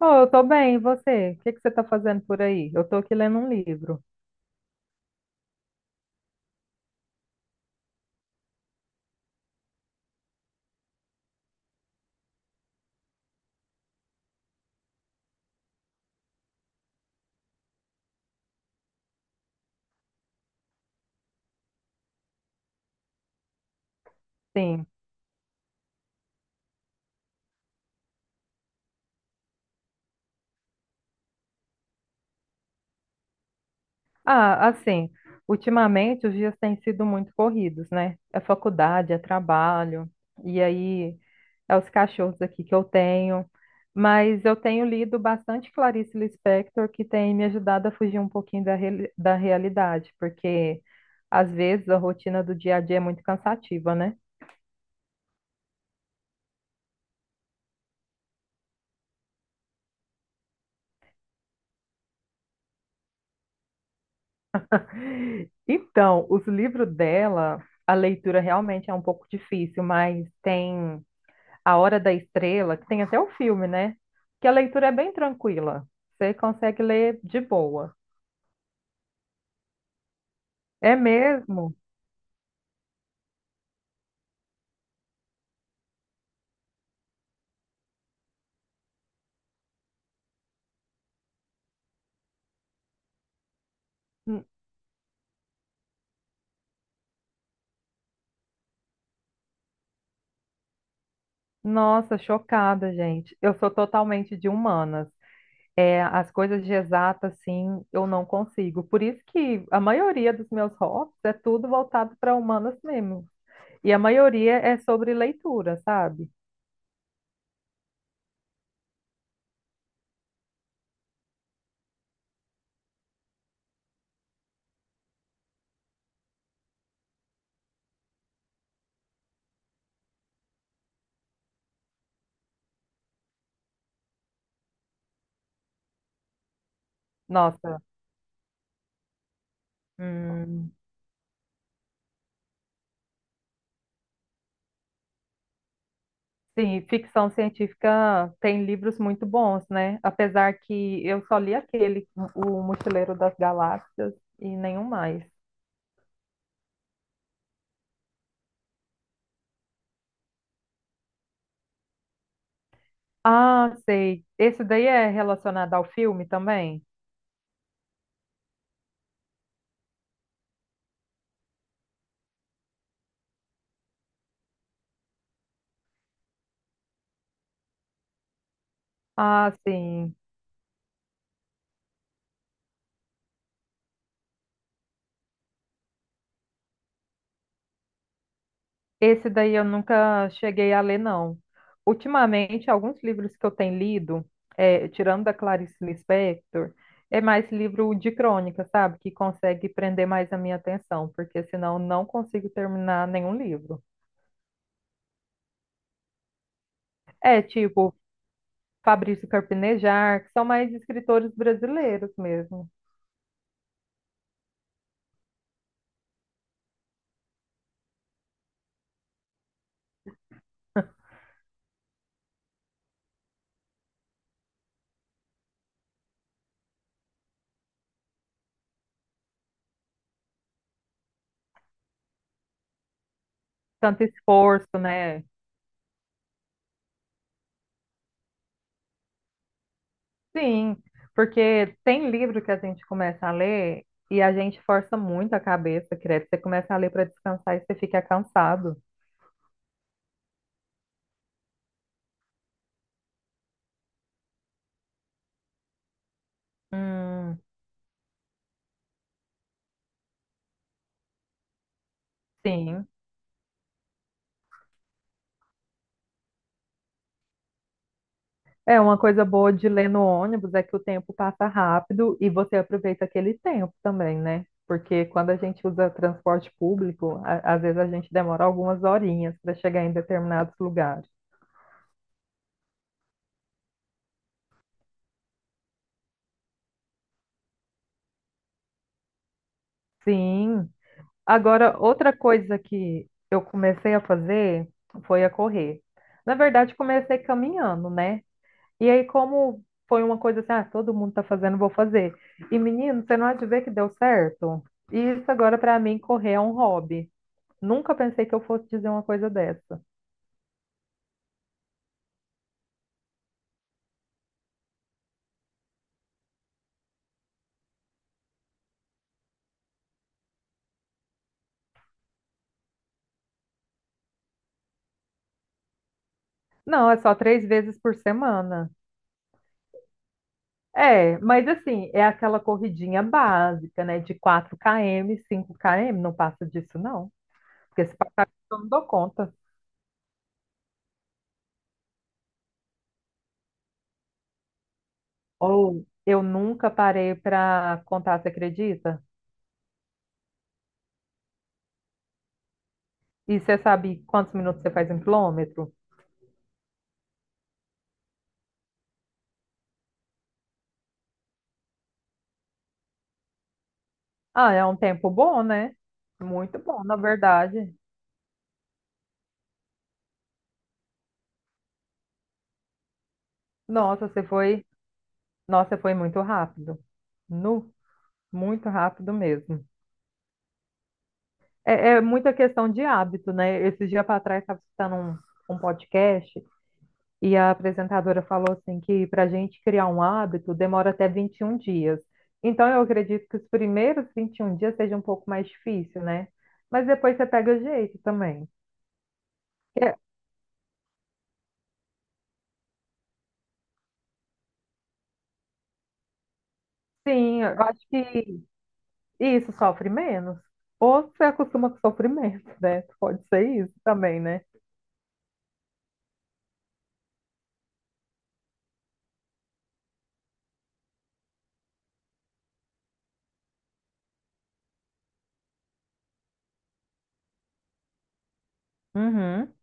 Oh, eu tô bem, e você? O que que você tá fazendo por aí? Eu tô aqui lendo um livro. Sim. Ah, assim, ultimamente os dias têm sido muito corridos, né? É faculdade, é trabalho, e aí é os cachorros aqui que eu tenho. Mas eu tenho lido bastante Clarice Lispector, que tem me ajudado a fugir um pouquinho da, da realidade, porque às vezes a rotina do dia a dia é muito cansativa, né? Então, os livros dela, a leitura realmente é um pouco difícil, mas tem A Hora da Estrela, que tem até o filme, né? Que a leitura é bem tranquila. Você consegue ler de boa. É mesmo? N- Nossa, chocada, gente. Eu sou totalmente de humanas. É, as coisas de exata, assim, eu não consigo. Por isso que a maioria dos meus hobbies é tudo voltado para humanas mesmo. E a maioria é sobre leitura, sabe? Nossa. Hum, sim, ficção científica tem livros muito bons, né? Apesar que eu só li aquele, O Mochileiro das Galáxias, e nenhum mais. Ah, sei. Esse daí é relacionado ao filme também? Ah, sim. Esse daí eu nunca cheguei a ler, não. Ultimamente, alguns livros que eu tenho lido, é, tirando da Clarice Lispector, é mais livro de crônica, sabe? Que consegue prender mais a minha atenção, porque senão eu não consigo terminar nenhum livro. É, tipo Fabrício Carpinejar, que são mais escritores brasileiros mesmo. Tanto esforço, né? Sim, porque tem livro que a gente começa a ler e a gente força muito a cabeça, credo. Você começa a ler para descansar e você fica cansado. Hum, sim. É uma coisa boa de ler no ônibus é que o tempo passa rápido e você aproveita aquele tempo também, né? Porque quando a gente usa transporte público, às vezes a gente demora algumas horinhas para chegar em determinados lugares. Sim. Agora, outra coisa que eu comecei a fazer foi a correr. Na verdade, comecei caminhando, né? E aí, como foi uma coisa assim, ah, todo mundo tá fazendo, vou fazer. E menino, você não há de ver que deu certo? E isso agora, para mim, correr é um hobby. Nunca pensei que eu fosse dizer uma coisa dessa. Não, é só 3 vezes por semana. É, mas assim, é aquela corridinha básica, né? De 4 km, 5 km, não passa disso, não. Porque se passar, eu não dou conta. Ou eu nunca parei para contar, você acredita? E você sabe quantos minutos você faz um quilômetro? Ah, é um tempo bom, né? Muito bom, na verdade. Nossa, você foi, nossa, foi muito rápido. Nu, muito rápido mesmo. É, é muita questão de hábito, né? Esses dias para trás estava escutando um, podcast. E a apresentadora falou assim que para a gente criar um hábito demora até 21 dias. Então eu acredito que os primeiros 21 dias seja um pouco mais difícil, né? Mas depois você pega jeito também. É, sim, eu acho que isso sofre menos. Ou você acostuma com sofrimento, né? Pode ser isso também, né? Uhum.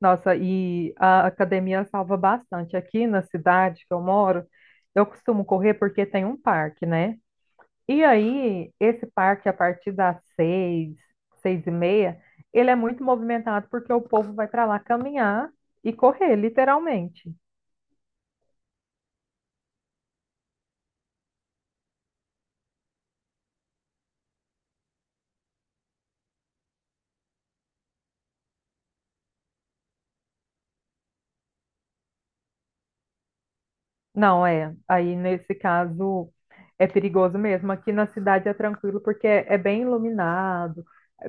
Nossa, e a academia salva bastante. Aqui na cidade que eu moro, eu costumo correr porque tem um parque, né? E aí, esse parque, a partir das 6, 6h30, ele é muito movimentado porque o povo vai para lá caminhar e correr, literalmente. Não, é. Aí, nesse caso, é perigoso mesmo. Aqui na cidade é tranquilo porque é bem iluminado.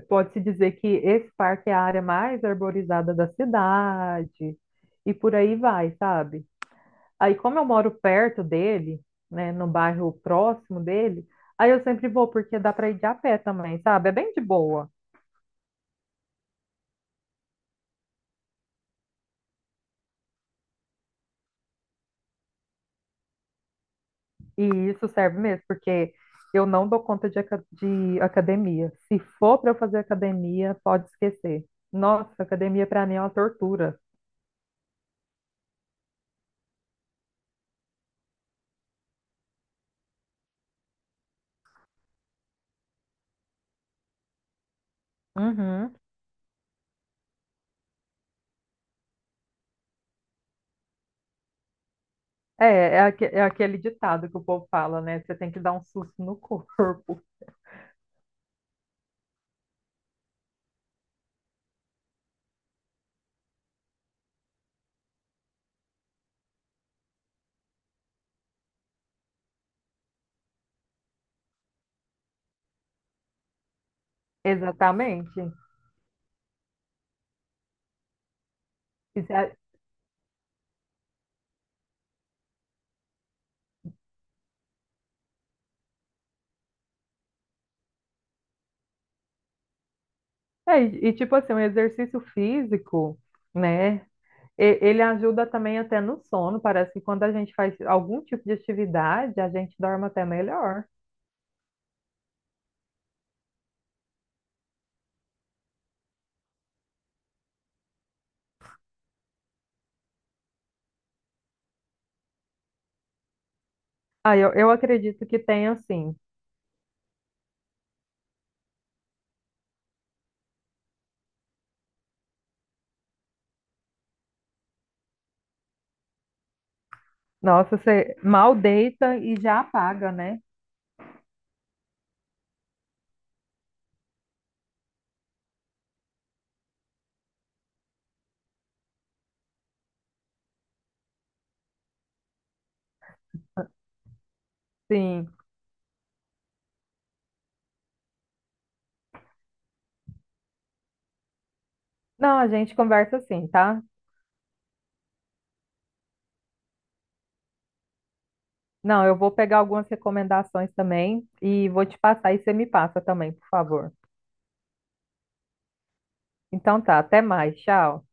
Pode-se dizer que esse parque é a área mais arborizada da cidade. E por aí vai, sabe? Aí, como eu moro perto dele, né, no bairro próximo dele, aí eu sempre vou, porque dá para ir de a pé também, sabe? É bem de boa. E isso serve mesmo, porque eu não dou conta de, de academia. Se for para eu fazer academia, pode esquecer. Nossa, academia para mim é uma tortura. Uhum. É, é, é aquele ditado que o povo fala, né? Você tem que dar um susto no corpo. Exatamente. E, se a- é, e, tipo assim, um exercício físico, né? Ele ajuda também até no sono. Parece que quando a gente faz algum tipo de atividade, a gente dorme até melhor. Ah, eu, acredito que tem assim. Nossa, você mal deita e já apaga, né? Sim. Não, a gente conversa assim, tá? Não, eu vou pegar algumas recomendações também e vou te passar e você me passa também, por favor. Então tá, até mais. Tchau.